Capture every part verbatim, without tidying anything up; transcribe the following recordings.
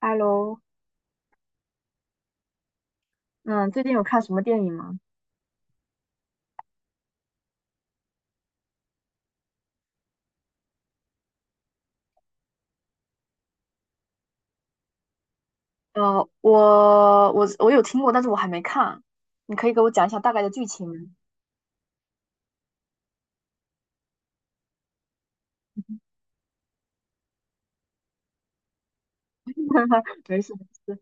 Hello，嗯，最近有看什么电影吗？呃，我我我有听过，但是我还没看，你可以给我讲一下大概的剧情吗？没事没事，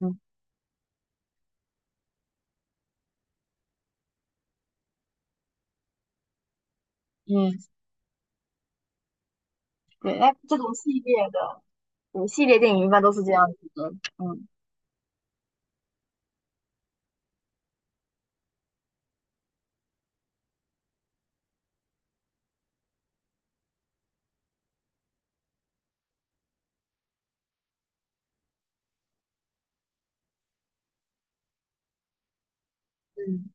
嗯，嗯，对，哎，这种系列的，对，系列电影一般都是这样子的，嗯，嗯，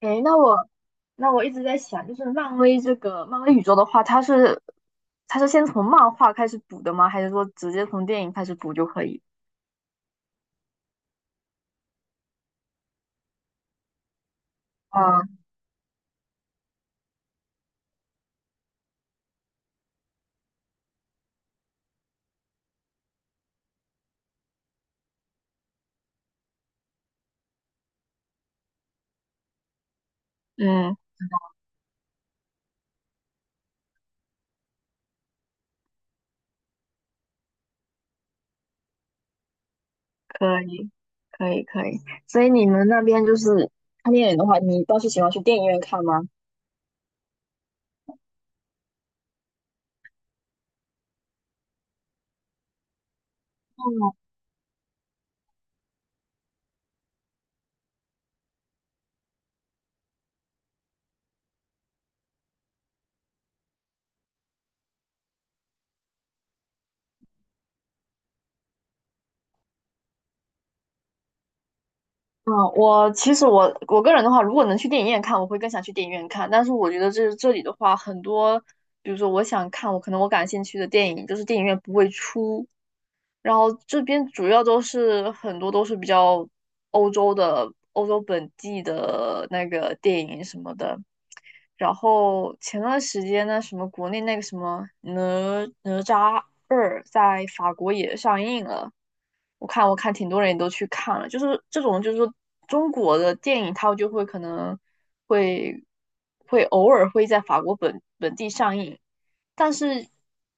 哎，那我那我一直在想，就是漫威这个漫威宇宙的话，它是它是先从漫画开始补的吗？还是说直接从电影开始补就可以？嗯嗯，可以。可以可以，所以你们那边就是看电影的话，你倒是喜欢去电影院看吗？嗯嗯，我其实我我个人的话，如果能去电影院看，我会更想去电影院看。但是我觉得这这里的话，很多，比如说我想看我可能我感兴趣的电影，就是电影院不会出。然后这边主要都是很多都是比较欧洲的、欧洲本地的那个电影什么的。然后前段时间呢，什么国内那个什么哪哪吒二在法国也上映了，我看我看挺多人也都去看了，就是这种就是说中国的电影，它就会可能会会偶尔会在法国本本地上映，但是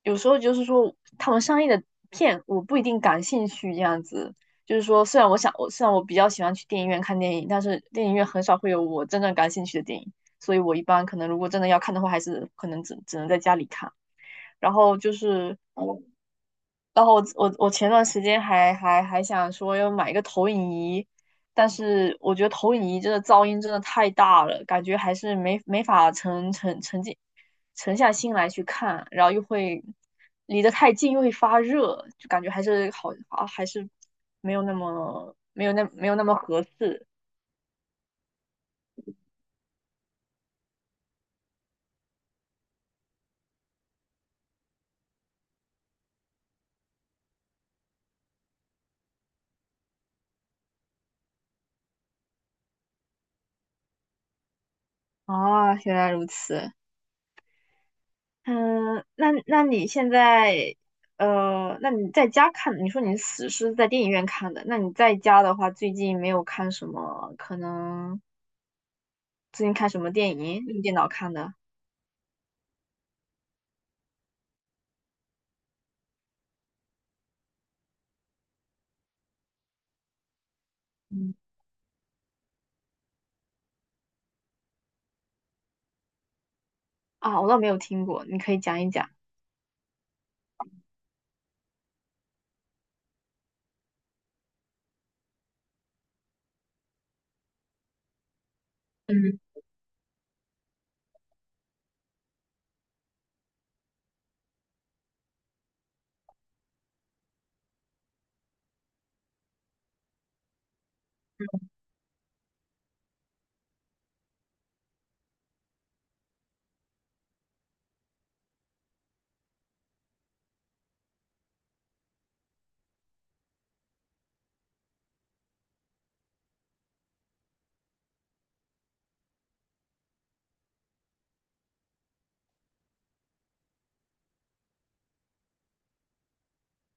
有时候就是说，他们上映的片我不一定感兴趣，这样子。就是说，虽然我想，我虽然我比较喜欢去电影院看电影，但是电影院很少会有我真正感兴趣的电影，所以我一般可能如果真的要看的话，还是可能只只能在家里看。然后就是，然后我我我前段时间还还还想说要买一个投影仪，但是我觉得投影仪真的噪音真的太大了，感觉还是没没法沉沉沉浸沉下心来去看，然后又会离得太近又会发热，就感觉还是好啊，还是没有那么没有那没有那么合适。啊。原来如此。嗯，那那你现在呃，那你在家看，你说你死是在电影院看的，那你在家的话，最近没有看什么？可能最近看什么电影？用电脑看的。嗯。啊？我倒没有听过，你可以讲一讲。嗯，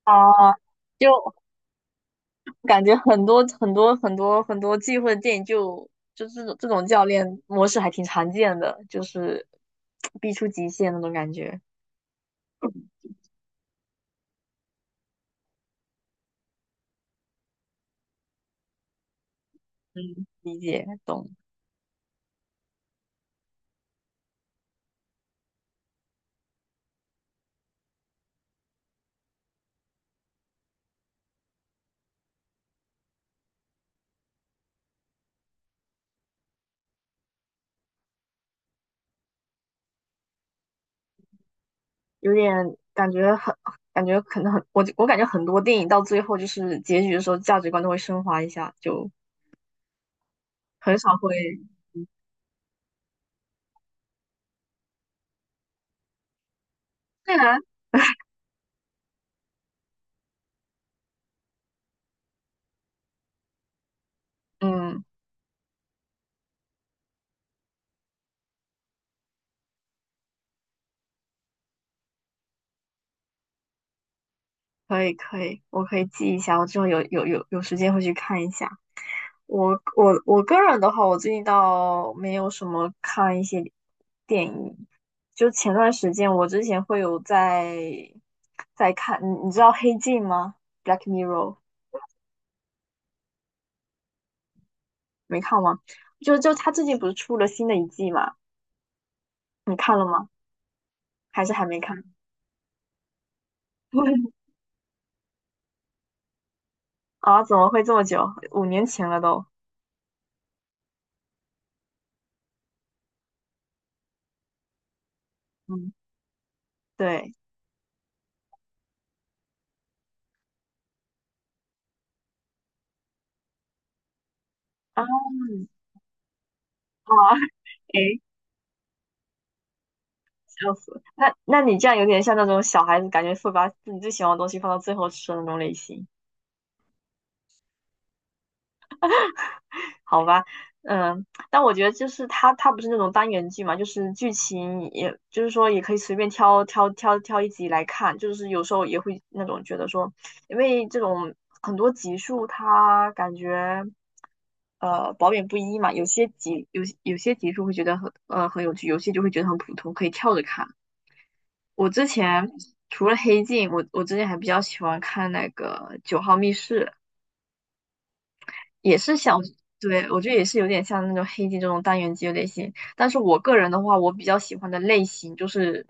啊，就感觉很多很多很多很多忌讳的电影就就这种这种教练模式还挺常见的，就是逼出极限那种感觉。嗯，理解懂，有点感觉很感觉可能很我我感觉很多电影到最后就是结局的时候价值观都会升华一下，就很少会。对啊，嗯，可以可以，我可以记一下，我之后有有有有时间会去看一下。我我我个人的话，我最近倒没有什么看一些电影。就前段时间，我之前会有在在看，你你知道《黑镜》吗？《Black Mirror》没看吗？就就他最近不是出了新的一季嘛？你看了吗？还是还没看？啊，怎么会这么久？五年前了都。嗯，对。啊啊，诶，笑死！那那你这样有点像那种小孩子，感觉会把自己最喜欢的东西放到最后吃的那种类型。好吧，嗯，但我觉得就是它，它不是那种单元剧嘛，就是剧情也，就是说也可以随便挑挑挑挑一集来看，就是有时候也会那种觉得说，因为这种很多集数它感觉呃褒贬不一嘛，有些集有有些集数会觉得很呃很有趣，有些就会觉得很普通，可以跳着看。我之前除了《黑镜》，我我之前还比较喜欢看那个《九号密室》。也是想，对，我觉得也是有点像那种黑镜这种单元剧的类型。但是我个人的话，我比较喜欢的类型就是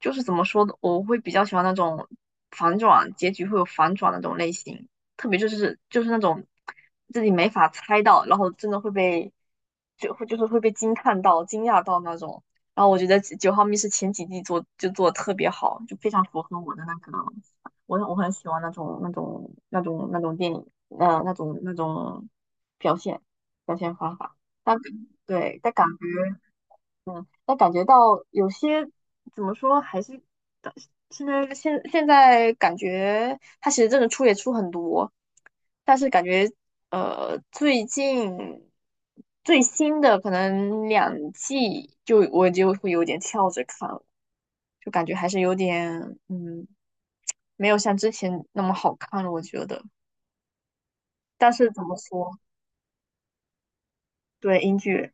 就是怎么说呢，我会比较喜欢那种反转，结局会有反转那种类型，特别就是就是那种自己没法猜到，然后真的会被就会就是会被惊叹到、惊讶到那种。然后我觉得《九号密室》前几季做就做的特别好，就非常符合我的那个，我我很喜欢那种那种那种那种电影。呃那种那种表现表现方法。但对，但感觉但感觉到有些怎么说，还是现在现现在感觉他其实真的出也出很多，但是感觉呃最近最新的可能两季就我就会有点跳着看了，就感觉还是有点。嗯。没有像之前那么好看了，我觉得。但是怎么说，对，英剧，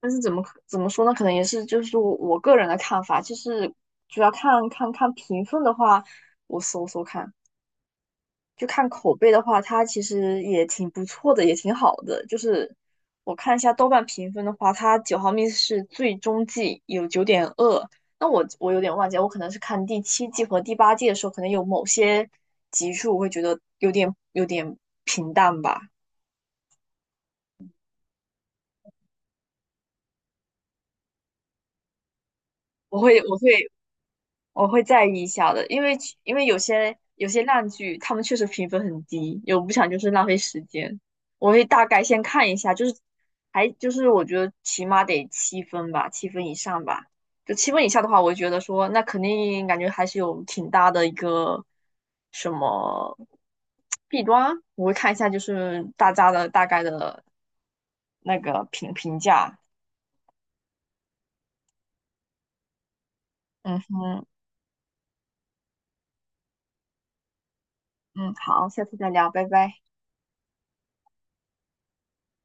但是怎么可怎么说呢？可能也是就是我我个人的看法，就是主要看看看评分的话，我搜搜看，就看口碑的话，它其实也挺不错的，也挺好的。就是我看一下豆瓣评分的话，它九毫米是最终季有九点二，那我我有点忘记了我可能是看第七季和第八季的时候，可能有某些集数我会觉得有点有点平淡吧。我会我会我会在意一下的，因为其因为有些有些烂剧，他们确实评分很低，有不想就是浪费时间，我会大概先看一下，就是还就是我觉得起码得七分吧，七分以上吧，就七分以下的话，我觉得说那肯定感觉还是有挺大的一个什么弊端啊，我会看一下就是大家的大概的那个评评价，嗯哼，嗯，好，下次再聊，拜拜。